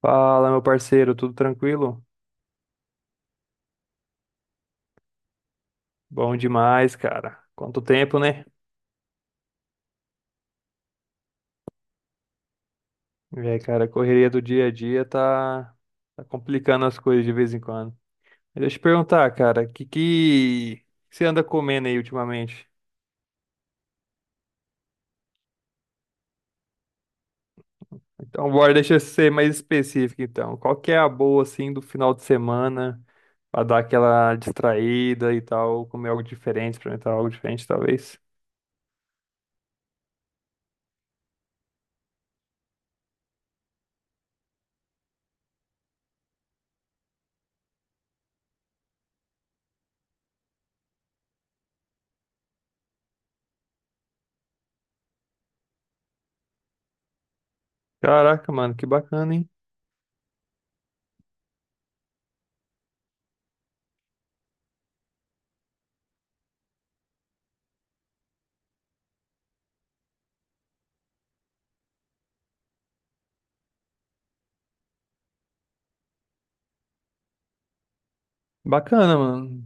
Fala, meu parceiro, tudo tranquilo? Bom demais, cara. Quanto tempo, né? É, cara, a correria do dia a dia tá complicando as coisas de vez em quando. Mas deixa eu te perguntar, cara, o que que você anda comendo aí ultimamente? Então, bora, deixa eu ser mais específico, então. Qual que é a boa, assim, do final de semana pra dar aquela distraída e tal, comer algo diferente, experimentar algo diferente, talvez? Caraca, mano, que bacana, hein? Bacana, mano.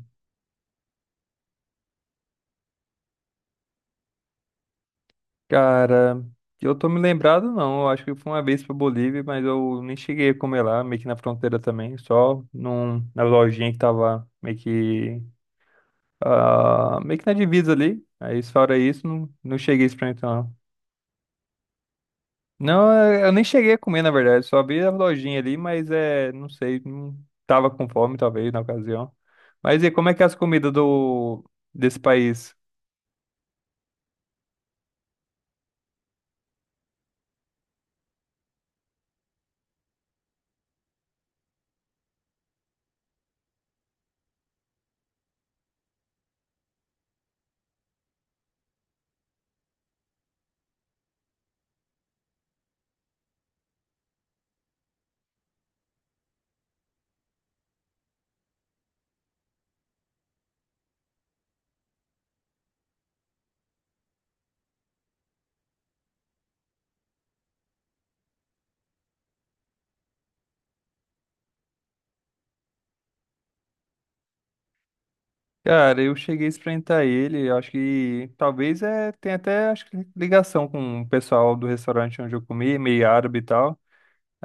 Cara, eu tô me lembrado não, eu acho que foi uma vez pra Bolívia, mas eu nem cheguei a comer lá, meio que na fronteira também, só num, na lojinha que tava meio que na divisa ali, aí fora isso, não, não cheguei a experimentar não. Não, eu nem cheguei a comer na verdade, só vi a lojinha ali, mas é, não sei, não tava com fome talvez na ocasião. Mas e como é que é as comidas desse país? Cara, eu cheguei a experimentar ele, eu acho que talvez tem até acho que ligação com o pessoal do restaurante onde eu comi, meio árabe e tal.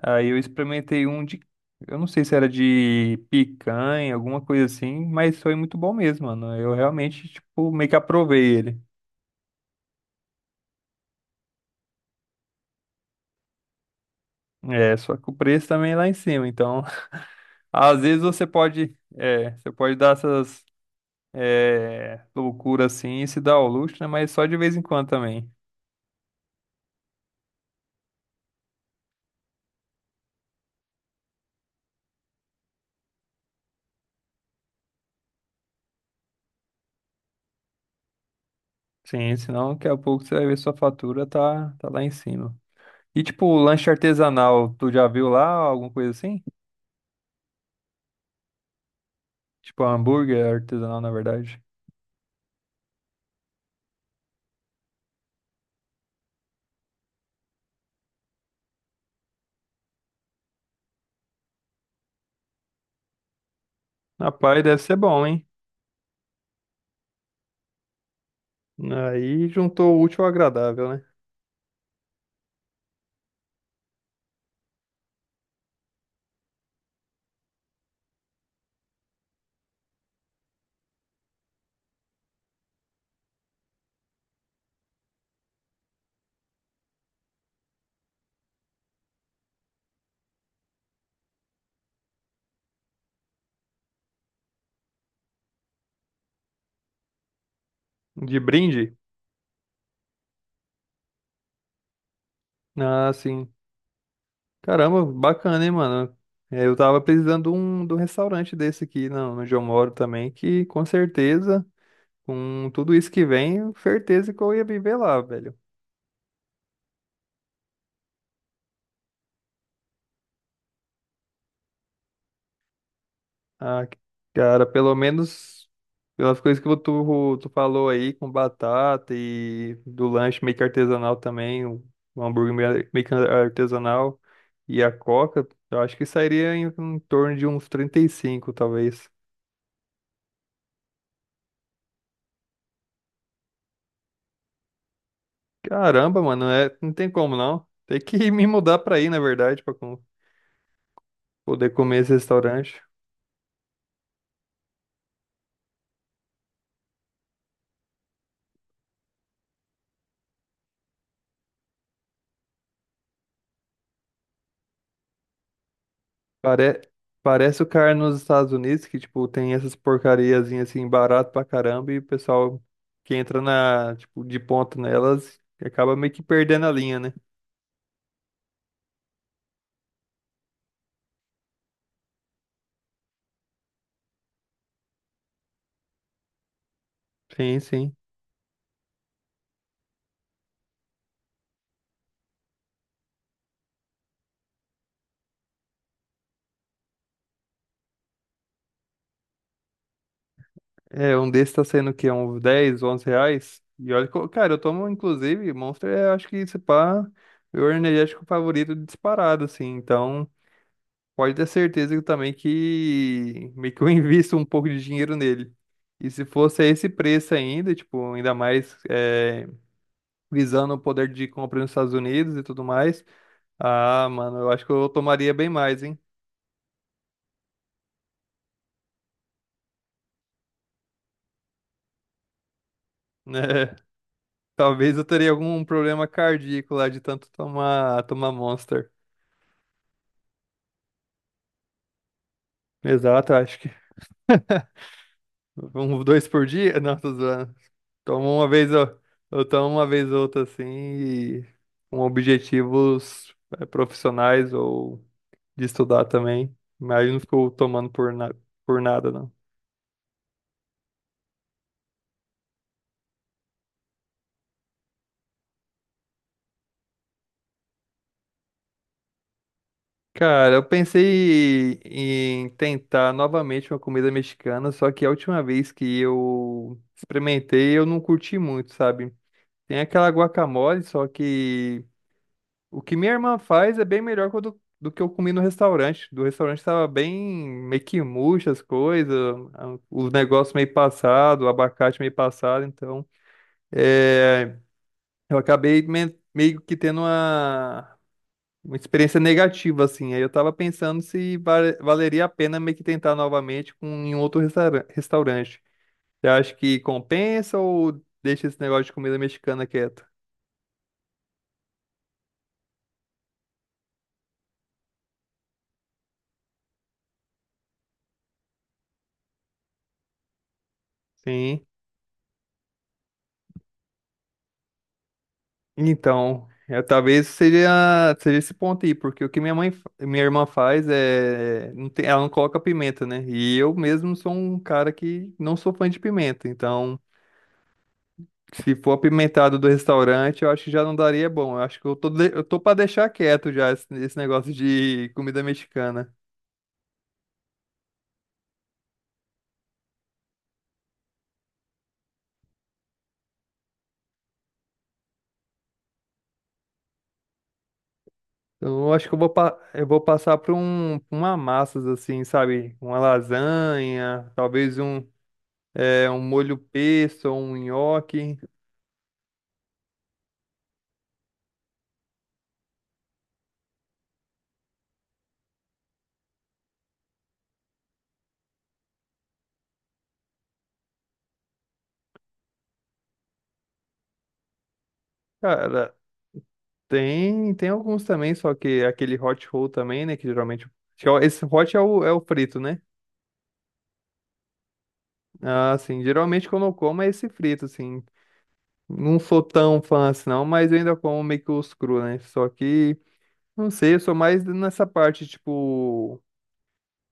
Aí eu experimentei eu não sei se era de picanha, alguma coisa assim, mas foi muito bom mesmo, mano. Eu realmente, tipo, meio que aprovei ele. É, só que o preço também é lá em cima, então às vezes você pode dar essas, loucuras assim e se dar ao luxo, né? Mas só de vez em quando também. Sim, senão daqui a pouco você vai ver sua fatura tá lá em cima. E tipo, lanche artesanal, tu já viu lá alguma coisa assim? Tipo, hambúrguer artesanal, na verdade. Rapaz, deve ser bom, hein? Aí juntou o útil ao agradável, né? De brinde? Ah, sim. Caramba, bacana, hein, mano? É, eu tava precisando de um restaurante desse aqui, não, onde eu moro também, que com certeza, com tudo isso que vem, certeza que eu ia viver lá, velho. Ah, cara, pelo menos pelas coisas que tu falou aí, com batata e do lanche meio que artesanal também, o hambúrguer meio que artesanal e a coca, eu acho que sairia em torno de uns 35, talvez. Caramba, mano, é, não tem como não. Tem que me mudar pra aí, na verdade, poder comer esse restaurante. Pare... Parece o cara nos Estados Unidos que, tipo, tem essas porcariazinhas assim, barato pra caramba, e o pessoal que entra na, tipo, de ponta nelas acaba meio que perdendo a linha, né? Sim, sim. É, um desses tá saindo o quê? Uns 10, 11 reais? E olha, que cara, eu tomo, inclusive, Monster, acho que esse pá, meu energético favorito disparado, assim. Então, pode ter certeza que também que meio que eu invisto um pouco de dinheiro nele. E se fosse a esse preço ainda, tipo, ainda mais. Visando o poder de compra nos Estados Unidos e tudo mais. Ah, mano, eu acho que eu tomaria bem mais, hein? Né? Talvez eu teria algum problema cardíaco lá de tanto tomar Monster. Exato, acho que um, dois por dia? Não, tô zoando. Tomo uma vez, eu tomo uma vez ou outra assim, e com objetivos profissionais ou de estudar também. Mas eu não ficou tomando por nada, não. Cara, eu pensei em tentar novamente uma comida mexicana, só que a última vez que eu experimentei, eu não curti muito, sabe? Tem aquela guacamole, só que o que minha irmã faz é bem melhor que o do, do que eu comi no restaurante. Do restaurante tava bem meio que murcha as coisas, os negócios meio passado, o abacate meio passado, então é, eu acabei meio que tendo uma experiência negativa, assim. Aí eu tava pensando se valeria a pena meio que tentar novamente em outro restaurante. Você acha que compensa ou deixa esse negócio de comida mexicana quieto? Sim. Então, talvez seja esse ponto aí, porque o que minha minha irmã faz é, ela não coloca pimenta, né? E eu mesmo sou um cara que não sou fã de pimenta, então se for apimentado do restaurante, eu acho que já não daria bom. Eu acho que eu tô pra deixar quieto já esse, esse negócio de comida mexicana. Então, eu acho que eu vou passar pra uma massas assim, sabe? Uma lasanha, talvez um molho pesto ou um nhoque. Cara, tem alguns também, só que aquele hot roll também, né? Que geralmente, acho que é esse hot é o frito, né? Ah, sim. Geralmente quando eu como é esse frito, assim. Não sou tão fã assim, não, mas eu ainda como meio que os cru, né? Só que, não sei, eu sou mais nessa parte, tipo,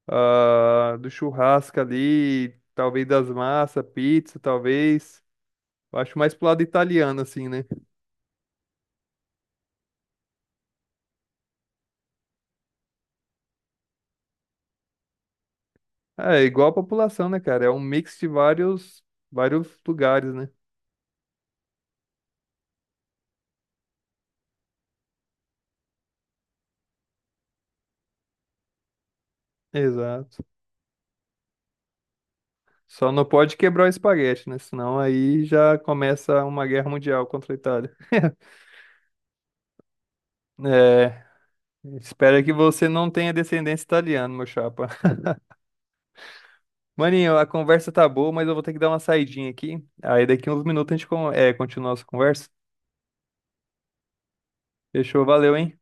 do churrasco ali, talvez das massas, pizza, talvez. Eu acho mais pro lado italiano, assim, né? É, igual a população, né, cara? É um mix de vários, vários lugares, né? Exato. Só não pode quebrar o espaguete, né? Senão aí já começa uma guerra mundial contra a Itália. É, espero que você não tenha descendência italiana, meu chapa. Maninho, a conversa tá boa, mas eu vou ter que dar uma saidinha aqui. Aí daqui uns minutos a gente continua a nossa conversa. Fechou, valeu, hein?